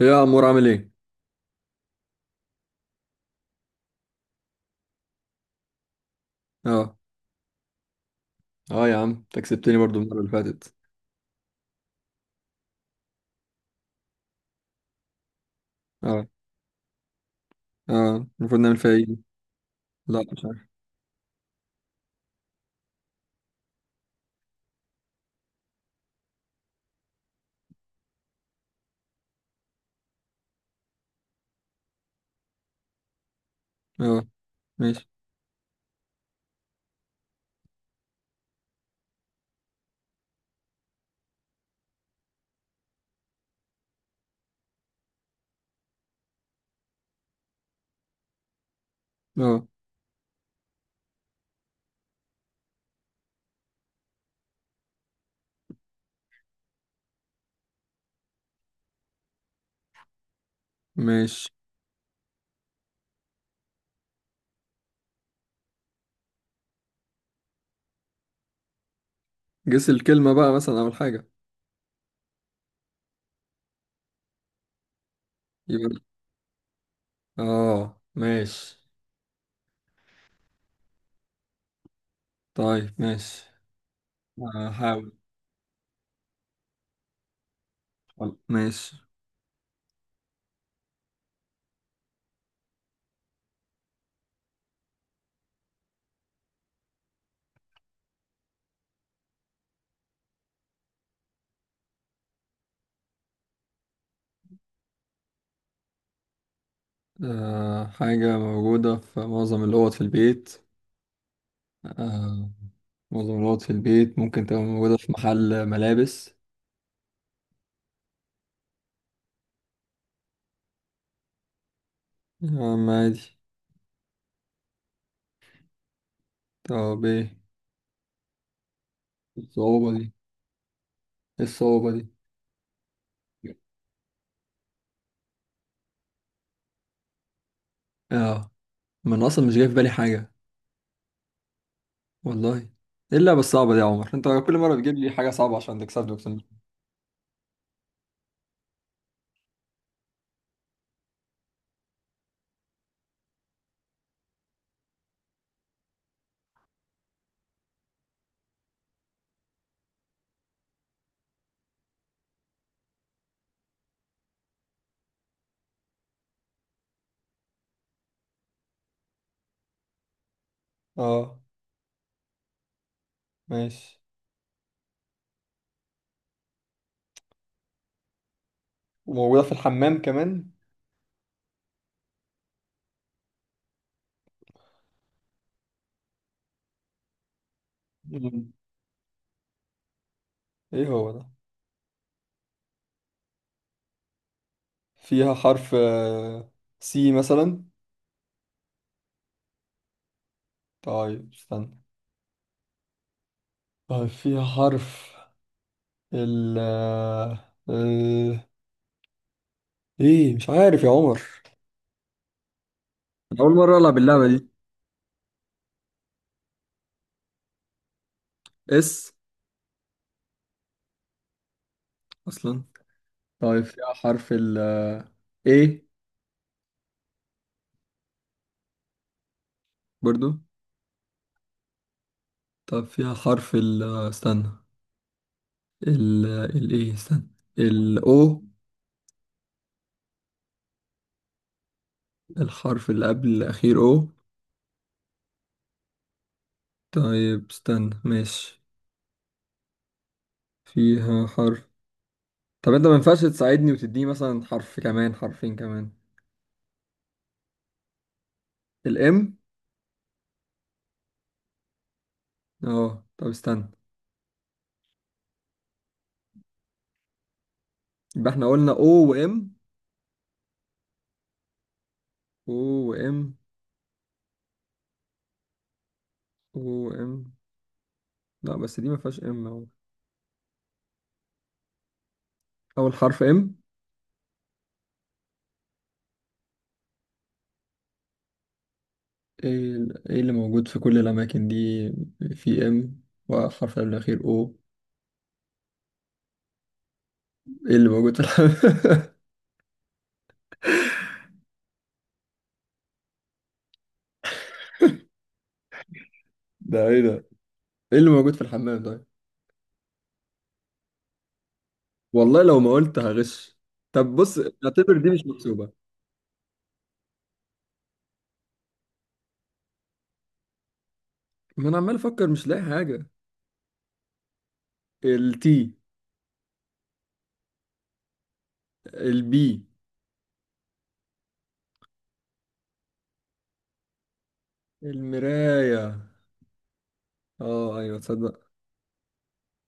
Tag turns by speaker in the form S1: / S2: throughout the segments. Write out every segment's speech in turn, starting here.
S1: إيه يا عمور، عامل ايه؟ اه. اه يا عم، انت كسبتني برضو المرة اللي فاتت. اه. اه، المفروض نعمل فيها ايه؟ دي؟ لا، مش عارف. اه. ماشي. اه. ماشي. جس الكلمة بقى مثلا أول حاجة. يبقى اه. ماشي. طيب ماشي. هحاول. ماشي. آه، حاجة موجودة في معظم الأوض في البيت. آه. معظم الأوض في البيت، ممكن تبقى موجودة في محل ملابس. يا عم عادي. طب ايه الصعوبة دي؟ ايه الصعوبة دي؟ اه. ما انا اصلا مش جاي في بالي حاجه. والله. ايه اللعبه الصعبه دي يا عمر؟ انت كل مره بتجيب لي حاجه صعبه عشان تكسبني، اقسم بالله. اه. ماشي. وموجودة في الحمام كمان. مم. ايه هو ده؟ فيها حرف سي مثلا. طيب استنى. طيب فيها حرف ال آه، ال- ايه، مش عارف يا عمر. انا اول مره العب اللعبه دي. اس. اصلا. طيب فيها حرف ال A. برضو. طب فيها حرف ال استنى. ال ايه، استنى. ال O. الحرف اللي قبل الأخير O. طيب استنى. ماشي. فيها حرف. طب انت ما ينفعش تساعدني وتديني مثلا حرف كمان، حرفين كمان؟ الام. اه طب استنى. يبقى احنا قلنا O وام. O وام. O وام. لا، بس دي ما فيهاش ام اهو. اول حرف ام؟ ايه. إيه اللي موجود في كل الاماكن دي؟ في ام وحرف قبل الأخير O. ايه اللي موجود في الحمام؟ ده ايه ده؟ ايه اللي موجود في الحمام طيب؟ والله لو ما قلت هغش. طب بص، اعتبر دي مش محسوبة. ما انا عمال افكر، مش لاقي حاجة. التي. البي. المراية. اه ايوه، تصدق؟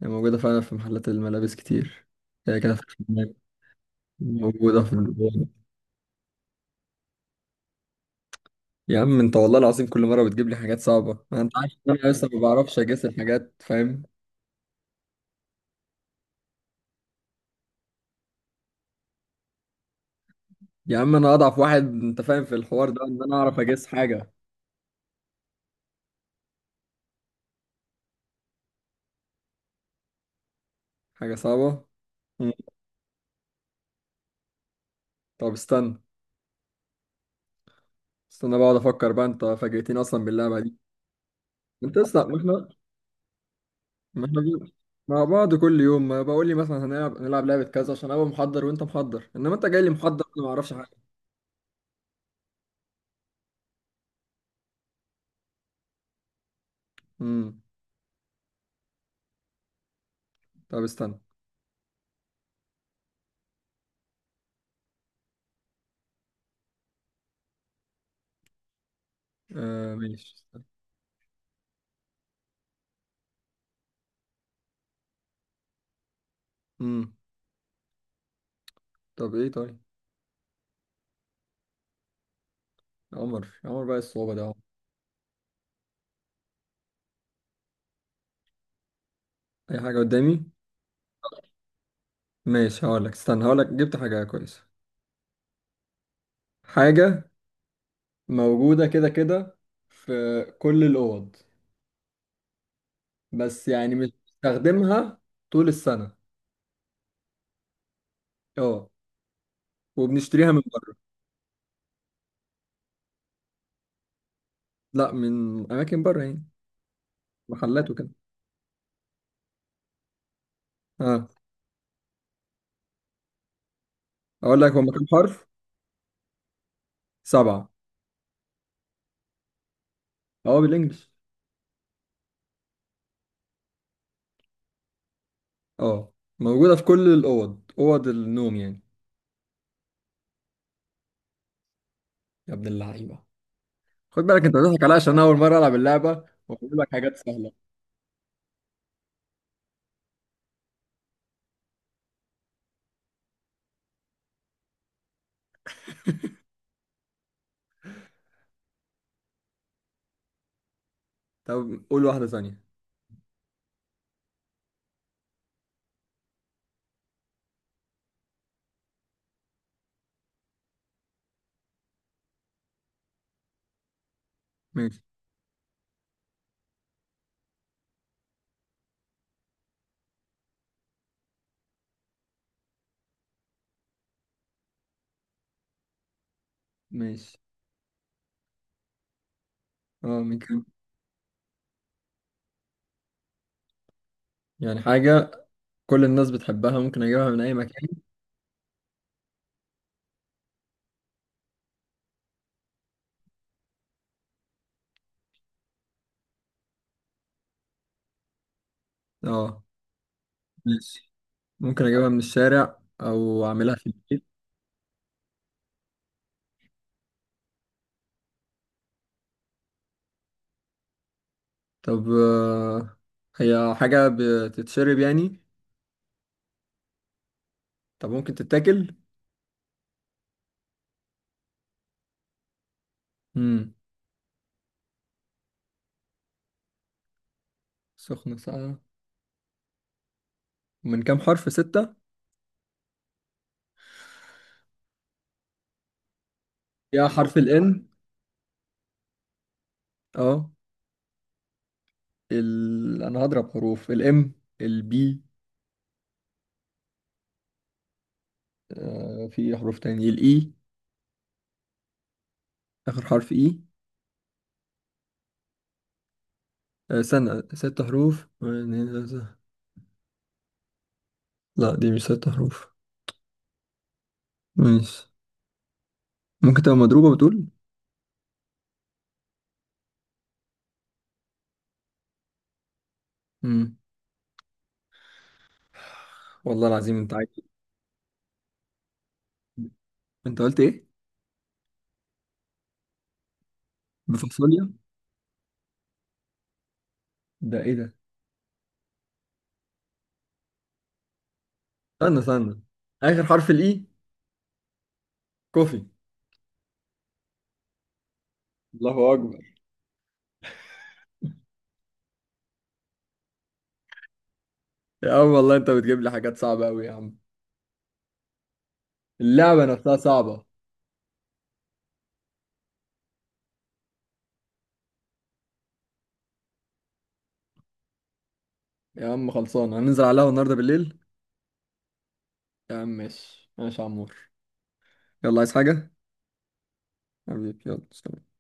S1: هي موجودة فعلا في محلات الملابس كتير. هي كده في الخناق، موجودة في الأوض. يا عم انت والله العظيم كل مرة بتجيب لي حاجات صعبة، ما انت عارف ان انا لسه ما بعرفش اجس الحاجات، فاهم؟ يا عم انا اضعف واحد انت فاهم في الحوار ده، ان انا اعرف اجس حاجة. حاجة صعبة. مم. طب استنى. استنى بقعد افكر بقى، انت فاجئتني اصلا باللعبة دي. انت اصلا ما احنا ما احنا بن- مع بعض كل يوم، ما بقول لي مثلا هنلعب نلعب لعبة كذا عشان ابقى محضر وانت محضر، انما انت جاي لي محضر انا ما اعرفش حاجة. امم. طب استنى. ماشي، استنى. امم. طب ايه طيب. عمر عمر بقى الصعوبة ده يا عمر. اي حاجة قدامي. ماشي، هقول لك. استنى، هقول لك جبت حاجة كويسة. حاجة موجودة كده كده في كل الأوض، بس يعني مش بنستخدمها طول السنة. اه. وبنشتريها من بره. لا، من أماكن بره يعني. محلات وكده. آه. اقول لك هم كام حرف؟ سبعة. اه بالانجلش. اه. موجودة في كل الاوض، اوض النوم يعني. يا ابن اللعيبة. خد بالك، انت بتضحك عليا عشان أنا اول مرة العب اللعبة واقول لك حاجات سهلة. طب قول واحدة ثانية. ماشي. ماشي. اه من كام. يعني حاجة كل الناس بتحبها، ممكن اجيبها من اي مكان. اه. ماشي، ممكن اجيبها من الشارع او اعملها في البيت. طب هي حاجة بتتشرب يعني؟ طب ممكن تتاكل؟ امم. سخنة ساقعة. من كام حرف؟ ستة. يا حرف ال N. اه. أنا هضرب حروف. ال M. ال B. آه في حروف تاني؟ ال E. آخر حرف E. آه سنة ست حروف، واحد، اتنين، تلاتة. لا دي مش ست حروف. ماشي. ممكن تبقى مضروبة بتقول. مم. والله العظيم أنت عايز. أنت قلت إيه؟ بفاصوليا؟ ده إيه ده؟ استنى استنى. آخر حرف ال E. كوفي. الله أكبر. يا عم والله أنت بتجيب لي حاجات صعبة أوي يا عم. اللعبة نفسها صعبة. يا عم خلصانة، هننزل عليها النهاردة بالليل. يا عم ماشي ماشي يا عمور. يلا، عايز حاجة؟ حبيبي، يلا سلام.